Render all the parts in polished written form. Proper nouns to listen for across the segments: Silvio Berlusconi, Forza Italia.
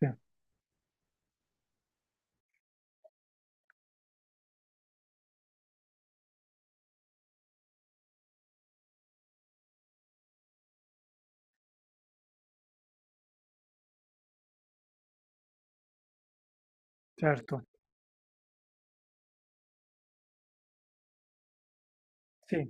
Sì, certo, sì.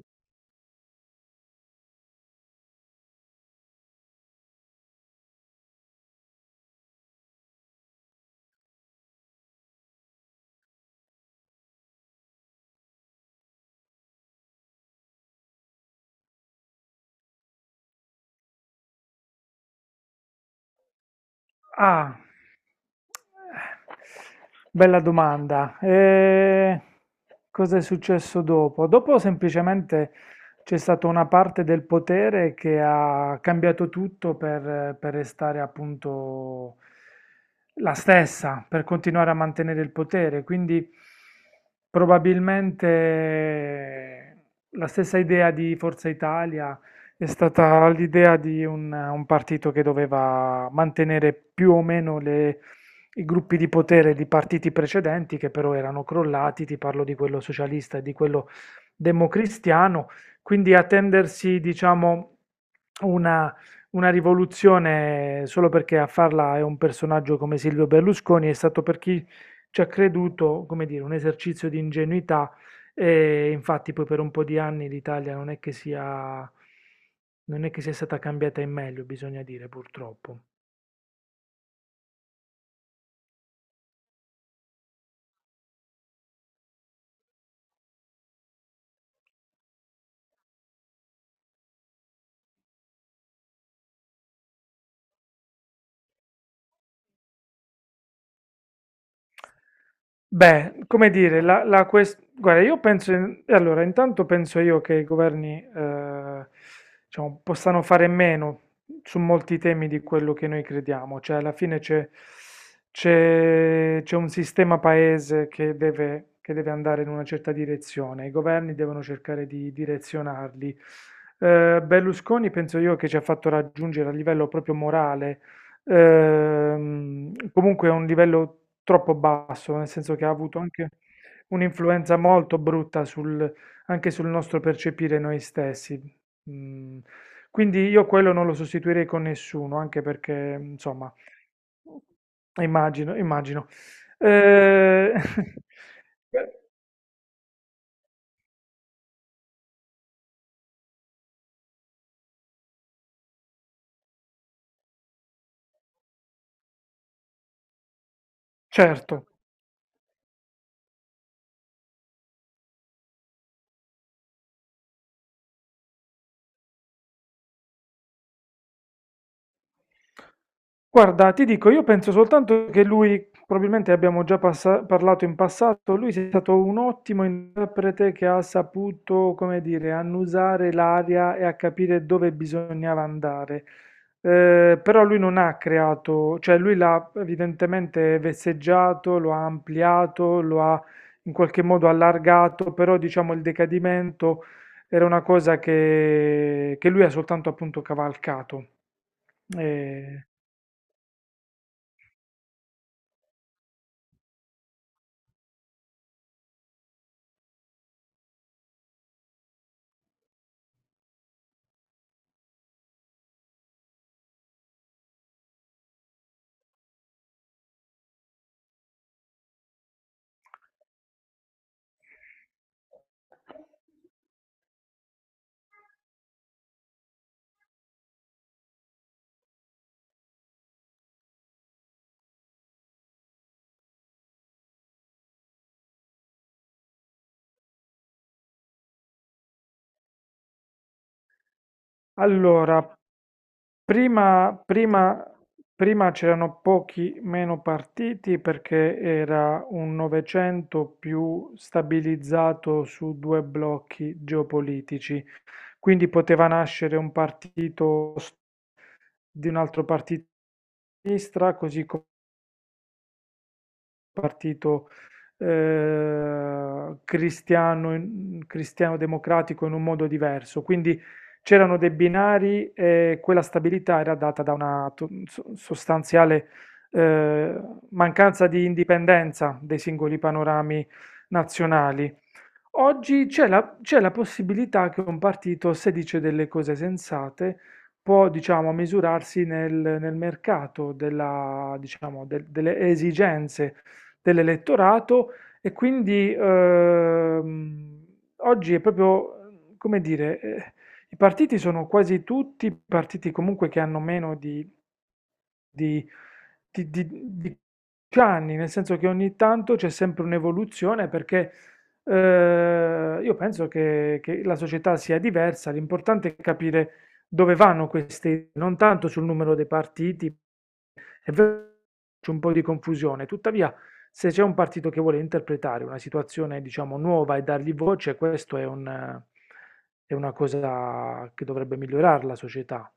Ah, bella domanda. Cosa è successo dopo? Dopo semplicemente c'è stata una parte del potere che ha cambiato tutto per restare appunto la stessa, per continuare a mantenere il potere. Quindi probabilmente la stessa idea di Forza Italia è stata l'idea di un partito che doveva mantenere più o meno i gruppi di potere di partiti precedenti che però erano crollati, ti parlo di quello socialista e di quello democristiano, quindi attendersi, diciamo, una, una rivoluzione solo perché a farla è un personaggio come Silvio Berlusconi è stato per chi ci ha creduto, come dire, un esercizio di ingenuità, e infatti poi per un po' di anni l'Italia non è che sia stata cambiata in meglio, bisogna dire, purtroppo. Beh, come dire, guarda, io penso, allora, intanto penso io che i governi, diciamo, possano fare meno su molti temi di quello che noi crediamo, cioè alla fine c'è un sistema paese che deve andare in una certa direzione, i governi devono cercare di direzionarli. Berlusconi penso io che ci ha fatto raggiungere a livello proprio morale, comunque, è un livello troppo basso, nel senso che ha avuto anche un'influenza molto brutta sul- anche sul nostro percepire noi stessi. Mm. Quindi io quello non lo sostituirei con nessuno, anche perché, insomma, immagino, immagino. Eh, certo. Guarda, ti dico, io penso soltanto che lui, probabilmente abbiamo già parlato in passato, lui è stato un ottimo interprete che ha saputo, come dire, annusare l'aria e a capire dove bisognava andare. Però lui non ha creato, cioè lui l'ha evidentemente vesseggiato, lo ha ampliato, lo ha in qualche modo allargato, però diciamo il decadimento era una cosa che lui ha soltanto appunto cavalcato. Eh, Allora, prima, prima- prima c'erano pochi meno partiti perché era un Novecento più stabilizzato su due blocchi geopolitici, quindi poteva nascere un partito di un altro partito di sinistra, così come un partito cristiano, cristiano democratico in un modo diverso. Quindi c'erano dei binari e quella stabilità era data da una sostanziale eh, mancanza di indipendenza dei singoli panorami nazionali. Oggi c'è la possibilità che un partito, se dice delle cose sensate, può, diciamo, misurarsi nel mercato della, diciamo, delle esigenze dell'elettorato, e quindi oggi è proprio, come dire, i partiti sono quasi tutti partiti comunque che hanno meno di di di di di anni, nel senso che ogni tanto c'è sempre un'evoluzione perché, io penso che la società sia diversa, l'importante è capire dove vanno queste idee, non tanto sul numero dei partiti. È vero che c'è un po' di confusione, tuttavia se c'è un partito che vuole interpretare una situazione, diciamo, nuova e dargli voce, questo è un è una cosa che dovrebbe migliorare la società.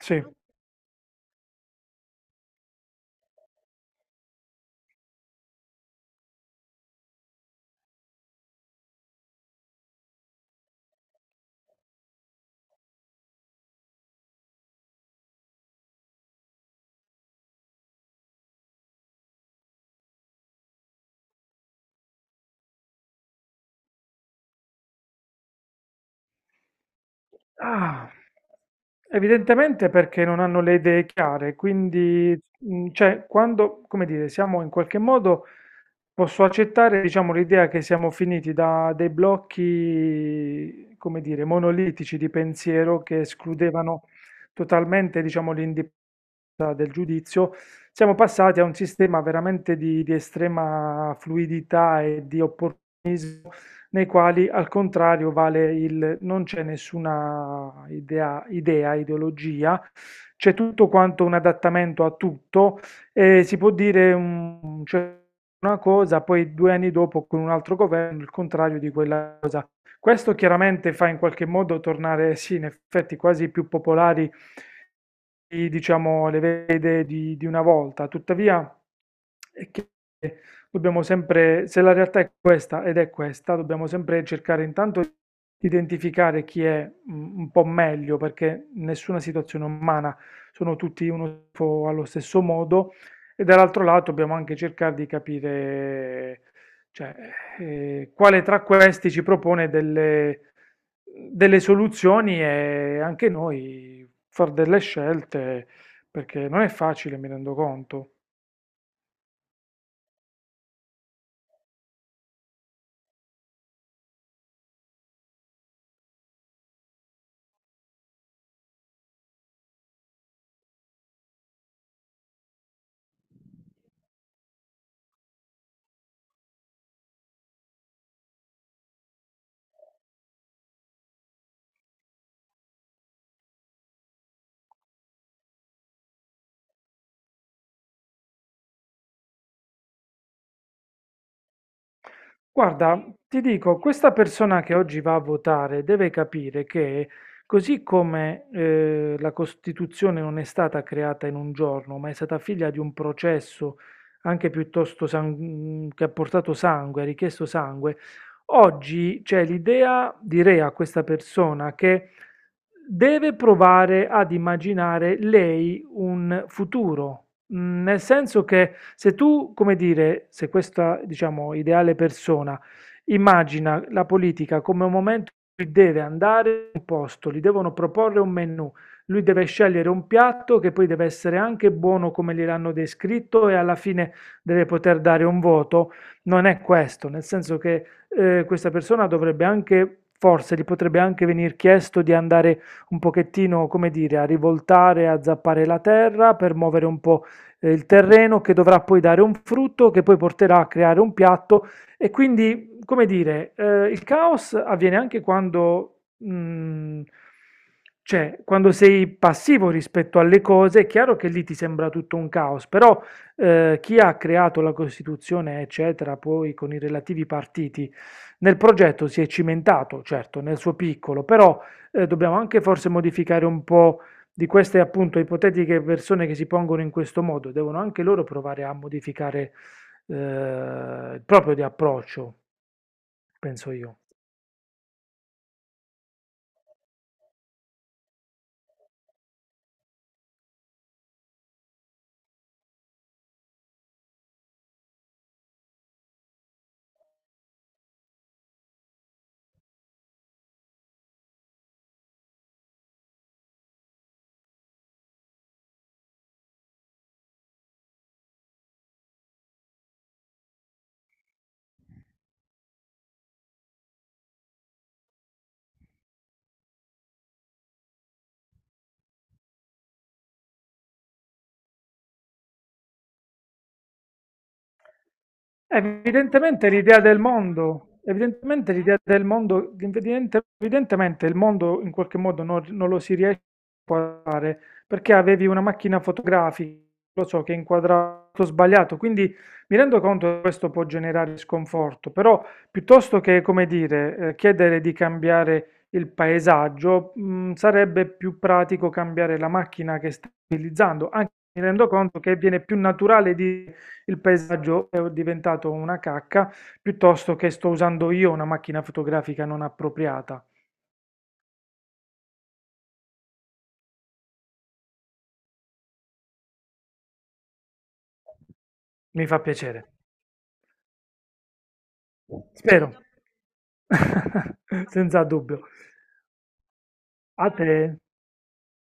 Sì. Ah, evidentemente perché non hanno le idee chiare, quindi, cioè, quando, come dire, siamo in qualche modo, posso accettare, diciamo, l'idea che siamo finiti da dei blocchi, come dire, monolitici di pensiero che escludevano totalmente, diciamo, l'indipendenza del giudizio, siamo passati a un sistema veramente di estrema fluidità e di opportunità nei quali al contrario vale il non c'è nessuna ideologia, c'è tutto quanto un adattamento a tutto e si può dire cioè, una cosa, poi due anni dopo con un altro governo il contrario di quella cosa. Questo chiaramente fa in qualche modo tornare, sì, in effetti quasi più popolari diciamo, le vede di una volta. Tuttavia, è dobbiamo sempre, se la realtà è questa ed è questa, dobbiamo sempre cercare intanto di identificare chi è un po' meglio, perché nessuna situazione è umana, sono tutti uno schifo allo stesso modo, e dall'altro lato dobbiamo anche cercare di capire, cioè, quale tra questi ci propone delle soluzioni, e anche noi far delle scelte, perché non è facile, mi rendo conto. Guarda, ti dico, questa persona che oggi va a votare deve capire che, così come la Costituzione non è stata creata in un giorno, ma è stata figlia di un processo anche piuttosto che ha portato sangue, ha richiesto sangue, oggi c'è l'idea, direi a questa persona, che deve provare ad immaginare lei un futuro. Mm. Nel senso che se tu, come dire, se questa, diciamo, ideale persona immagina la politica come un momento in cui deve andare in un posto, gli devono proporre un menù, lui deve scegliere un piatto che poi deve essere anche buono come gliel'hanno descritto e alla fine deve poter dare un voto, non è questo, nel senso che questa persona dovrebbe anche, forse gli potrebbe anche venir chiesto di andare un pochettino, come dire, a rivoltare, a zappare la terra per muovere un po' il terreno che dovrà poi dare un frutto che poi porterà a creare un piatto, e quindi, come dire, il caos avviene anche quando, cioè, quando sei passivo rispetto alle cose, è chiaro che lì ti sembra tutto un caos, però chi ha creato la Costituzione, eccetera, poi con i relativi partiti, nel progetto si è cimentato, certo, nel suo piccolo, però dobbiamo anche forse modificare un po' di queste appunto ipotetiche persone che si pongono in questo modo, devono anche loro provare a modificare il proprio di approccio, penso io. Evidentemente l'idea del mondo, evidentemente l'idea del mondo, evidentemente il mondo in qualche modo non lo si riesce a fare perché avevi una macchina fotografica, lo so, che inquadrava tutto sbagliato, quindi mi rendo conto che questo può generare sconforto, però piuttosto che, come dire, chiedere di cambiare il paesaggio, sarebbe più pratico cambiare la macchina che stai utilizzando, anche mi rendo conto che viene più naturale di il paesaggio è diventato una cacca, piuttosto che sto usando io una macchina fotografica non appropriata. Mi fa piacere. Spero. Senza dubbio. A te.